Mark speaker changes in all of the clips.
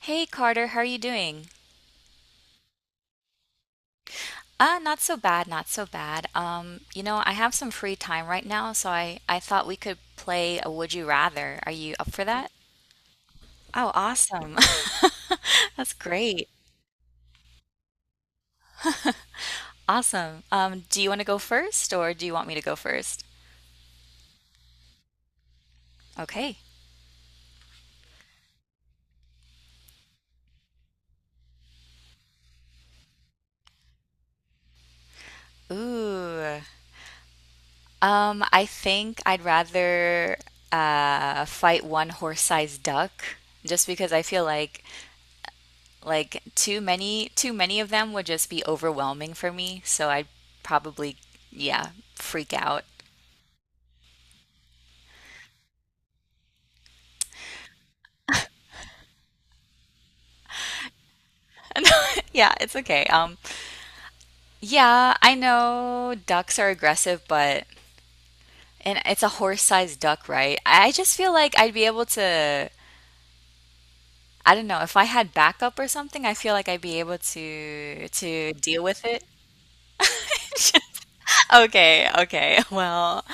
Speaker 1: Hey Carter, how are you doing? Not so bad, not so bad. I have some free time right now, so I thought we could play a Would You Rather. Are you up for that? Oh, awesome. That's great. Awesome. Do you want to go first or do you want me to go first? Okay. Ooh. I think I'd rather fight one horse-sized duck just because I feel like too many of them would just be overwhelming for me, so I'd probably, yeah, freak out. Yeah, it's okay. Yeah, I know ducks are aggressive, but and it's a horse-sized duck, right? I just feel like I'd be able to, I don't know, if I had backup or something, I feel like I'd be able to deal with it. Okay, okay. Well,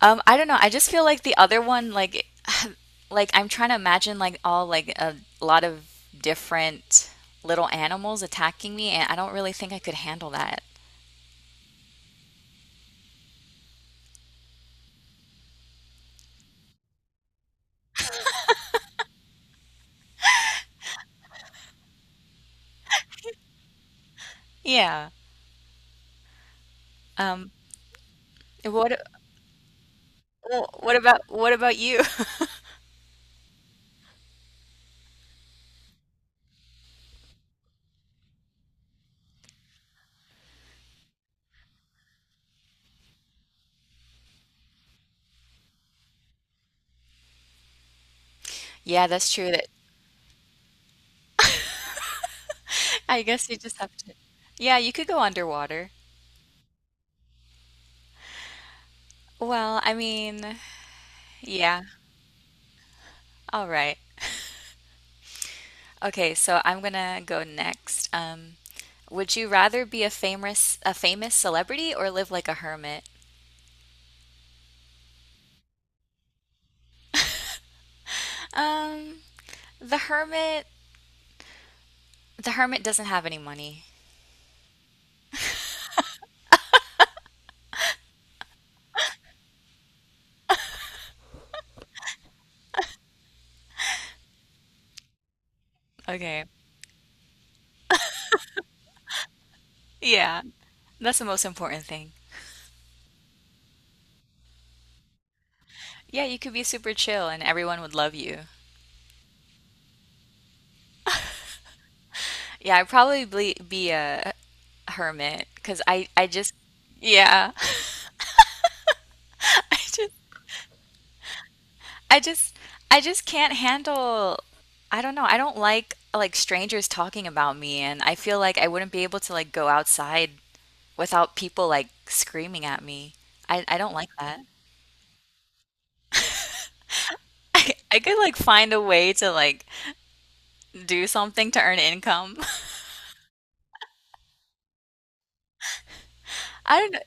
Speaker 1: I don't know. I just feel like the other one, like I'm trying to imagine like all like a lot of different little animals attacking me, and I don't really think I could handle that. Yeah. Um, and what well, what about you? Yeah, that's true. That I guess you just have to. Yeah, you could go underwater. Well, I mean, yeah, all right. Okay, so I'm gonna go next. Would you rather be a famous celebrity or live like a hermit? Um, the hermit the hermit doesn't have any money. Okay. Yeah, that's the most important thing. Yeah, you could be super chill and everyone would love you. Yeah, I'd probably be a hermit because I just, yeah, I just, I just, I just can't handle, I don't know, I don't like strangers talking about me and I feel like I wouldn't be able to like go outside without people like screaming at me. I don't like that. I could like find a way to like do something to earn income. I don't know.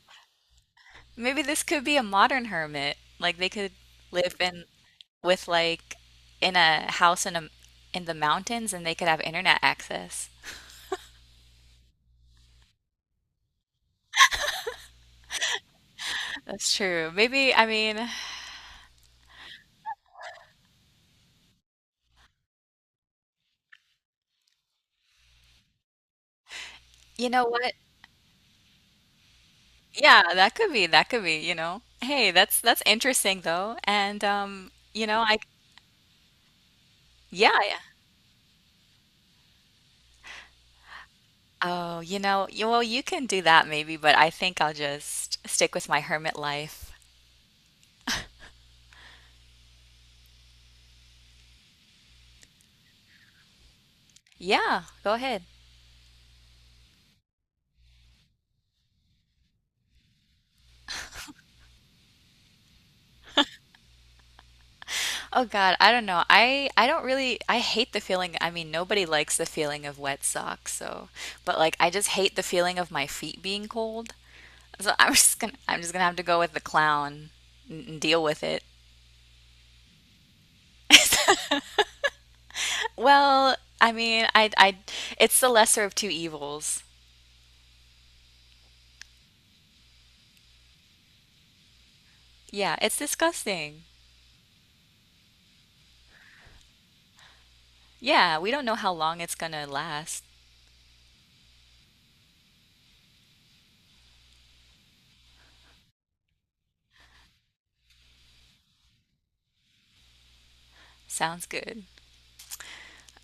Speaker 1: Maybe this could be a modern hermit. Like they could live in with like in a house in a in the mountains and they could have internet access. That's true. Maybe, I mean, you know what? Yeah, that could be, you know. Hey, that's interesting though. And you know, I yeah, yeah. Oh, you know, you, well, you can do that maybe, but I think I'll just stick with my hermit life. Yeah, go ahead. Oh God, I don't know. I don't really I hate the feeling. I mean, nobody likes the feeling of wet socks, so but like I just hate the feeling of my feet being cold. So I'm just gonna have to go with the clown and deal with it. Well, I mean, I it's the lesser of two evils. Yeah, it's disgusting. Yeah, we don't know how long it's gonna last. Sounds good.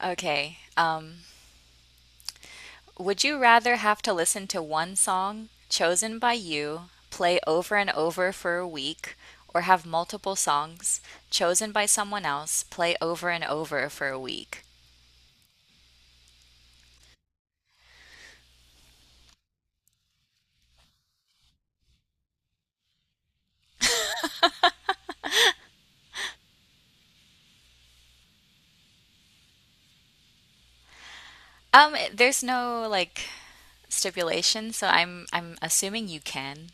Speaker 1: Okay. Would you rather have to listen to one song chosen by you play over and over for a week, or have multiple songs chosen by someone else play over and over for a week? There's no like stipulation, so I'm assuming you can.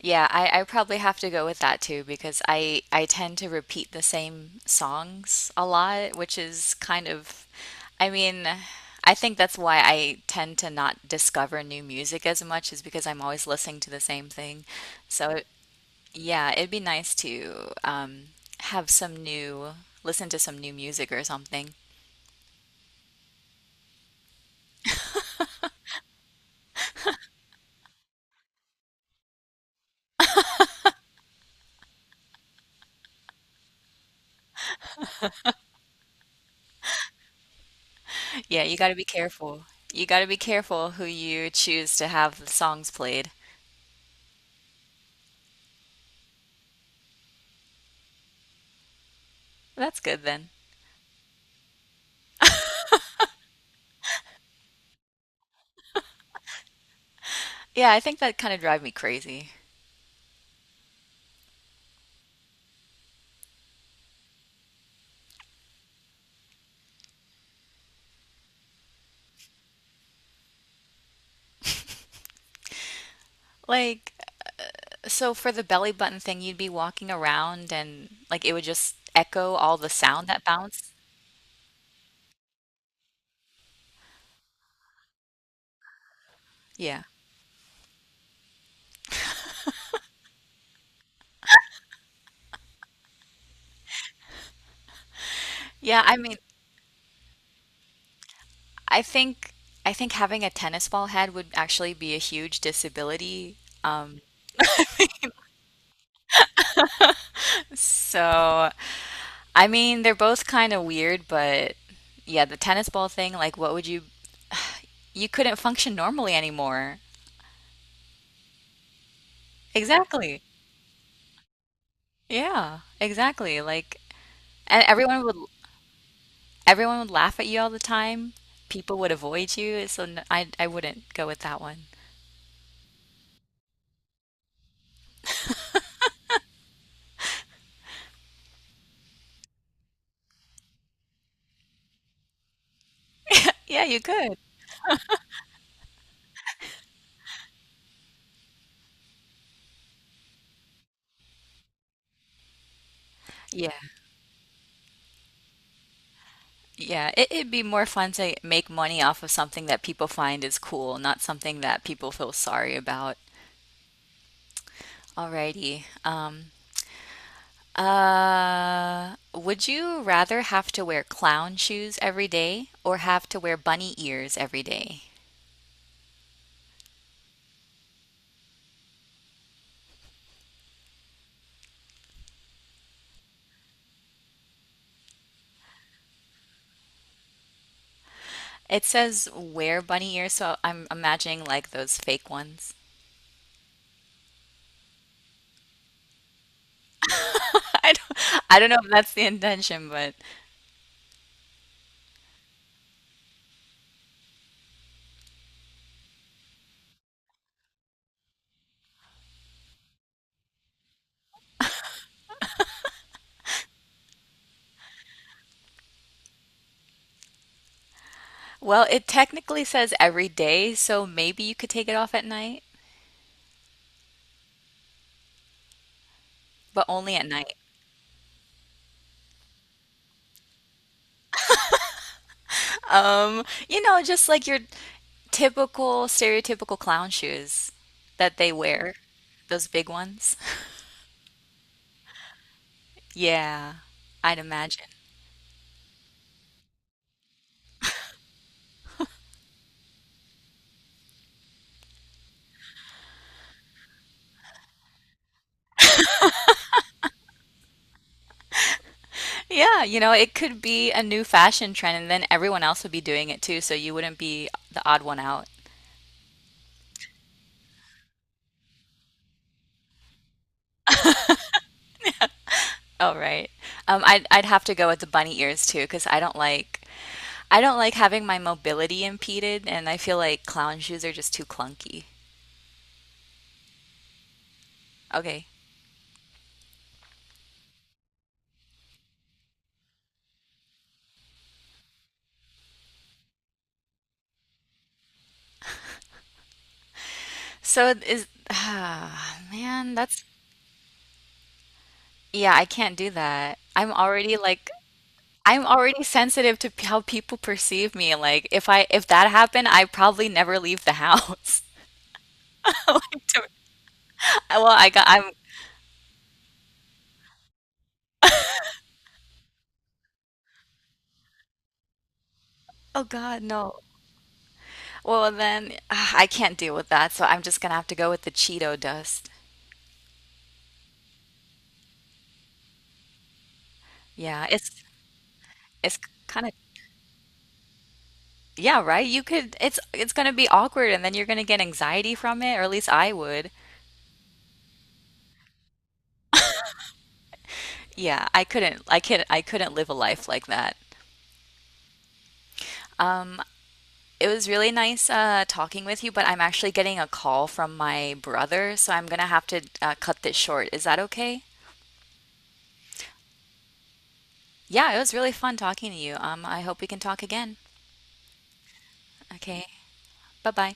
Speaker 1: Yeah, I probably have to go with that too because I tend to repeat the same songs a lot, which is kind of, I mean, I think that's why I tend to not discover new music as much is because I'm always listening to the same thing. So yeah, it'd be nice to have some new, listen to some new music or something. Yeah, you got to be careful. You got to be careful who you choose to have the songs played. That's good then. Yeah, I think that kind of drive me crazy. Like, so for the belly button thing, you'd be walking around and like it would just echo all the sound that bounced. Yeah. Yeah, I mean, I think I think having a tennis ball head would actually be a huge disability. Um, so I mean, they're both kind of weird, but yeah, the tennis ball thing, like what would you you couldn't function normally anymore. Exactly. Yeah, exactly. Like and everyone would laugh at you all the time. People would avoid you, so n I wouldn't go with that one. Yeah, you could. Yeah, yeah. It'd be more fun to make money off of something that people find is cool, not something that people feel sorry about. Alrighty. Would you rather have to wear clown shoes every day or have to wear bunny ears every day? It says wear bunny ears, so I'm imagining like those fake ones. I don't know if that's the intention, but well, it technically says every day, so maybe you could take it off at night, but only at night. You know, just like your typical, stereotypical clown shoes that they wear, those big ones. Yeah, I'd imagine. Yeah, you know, it could be a new fashion trend, and then everyone else would be doing it too, so you wouldn't be the odd one out. Oh, right. I'd have to go with the bunny ears too, because I don't like having my mobility impeded, and I feel like clown shoes are just too clunky. Okay. So it is ah, man, that's yeah, I can't do that. I'm already like I'm already sensitive to p- how people perceive me. Like if I if that happened, I probably never leave the house. Like, to- well, I got I'm oh God, no. Well, then ah, I can't deal with that, so I'm just gonna have to go with the Cheeto dust. Yeah, it's kind of yeah, right? You could it's gonna be awkward and then you're gonna get anxiety from it, or at least I would. Yeah, I couldn't I could I couldn't live a life like that. Um, it was really nice talking with you, but I'm actually getting a call from my brother, so I'm gonna have to cut this short. Is that okay? Yeah, it was really fun talking to you. I hope we can talk again. Okay, bye bye.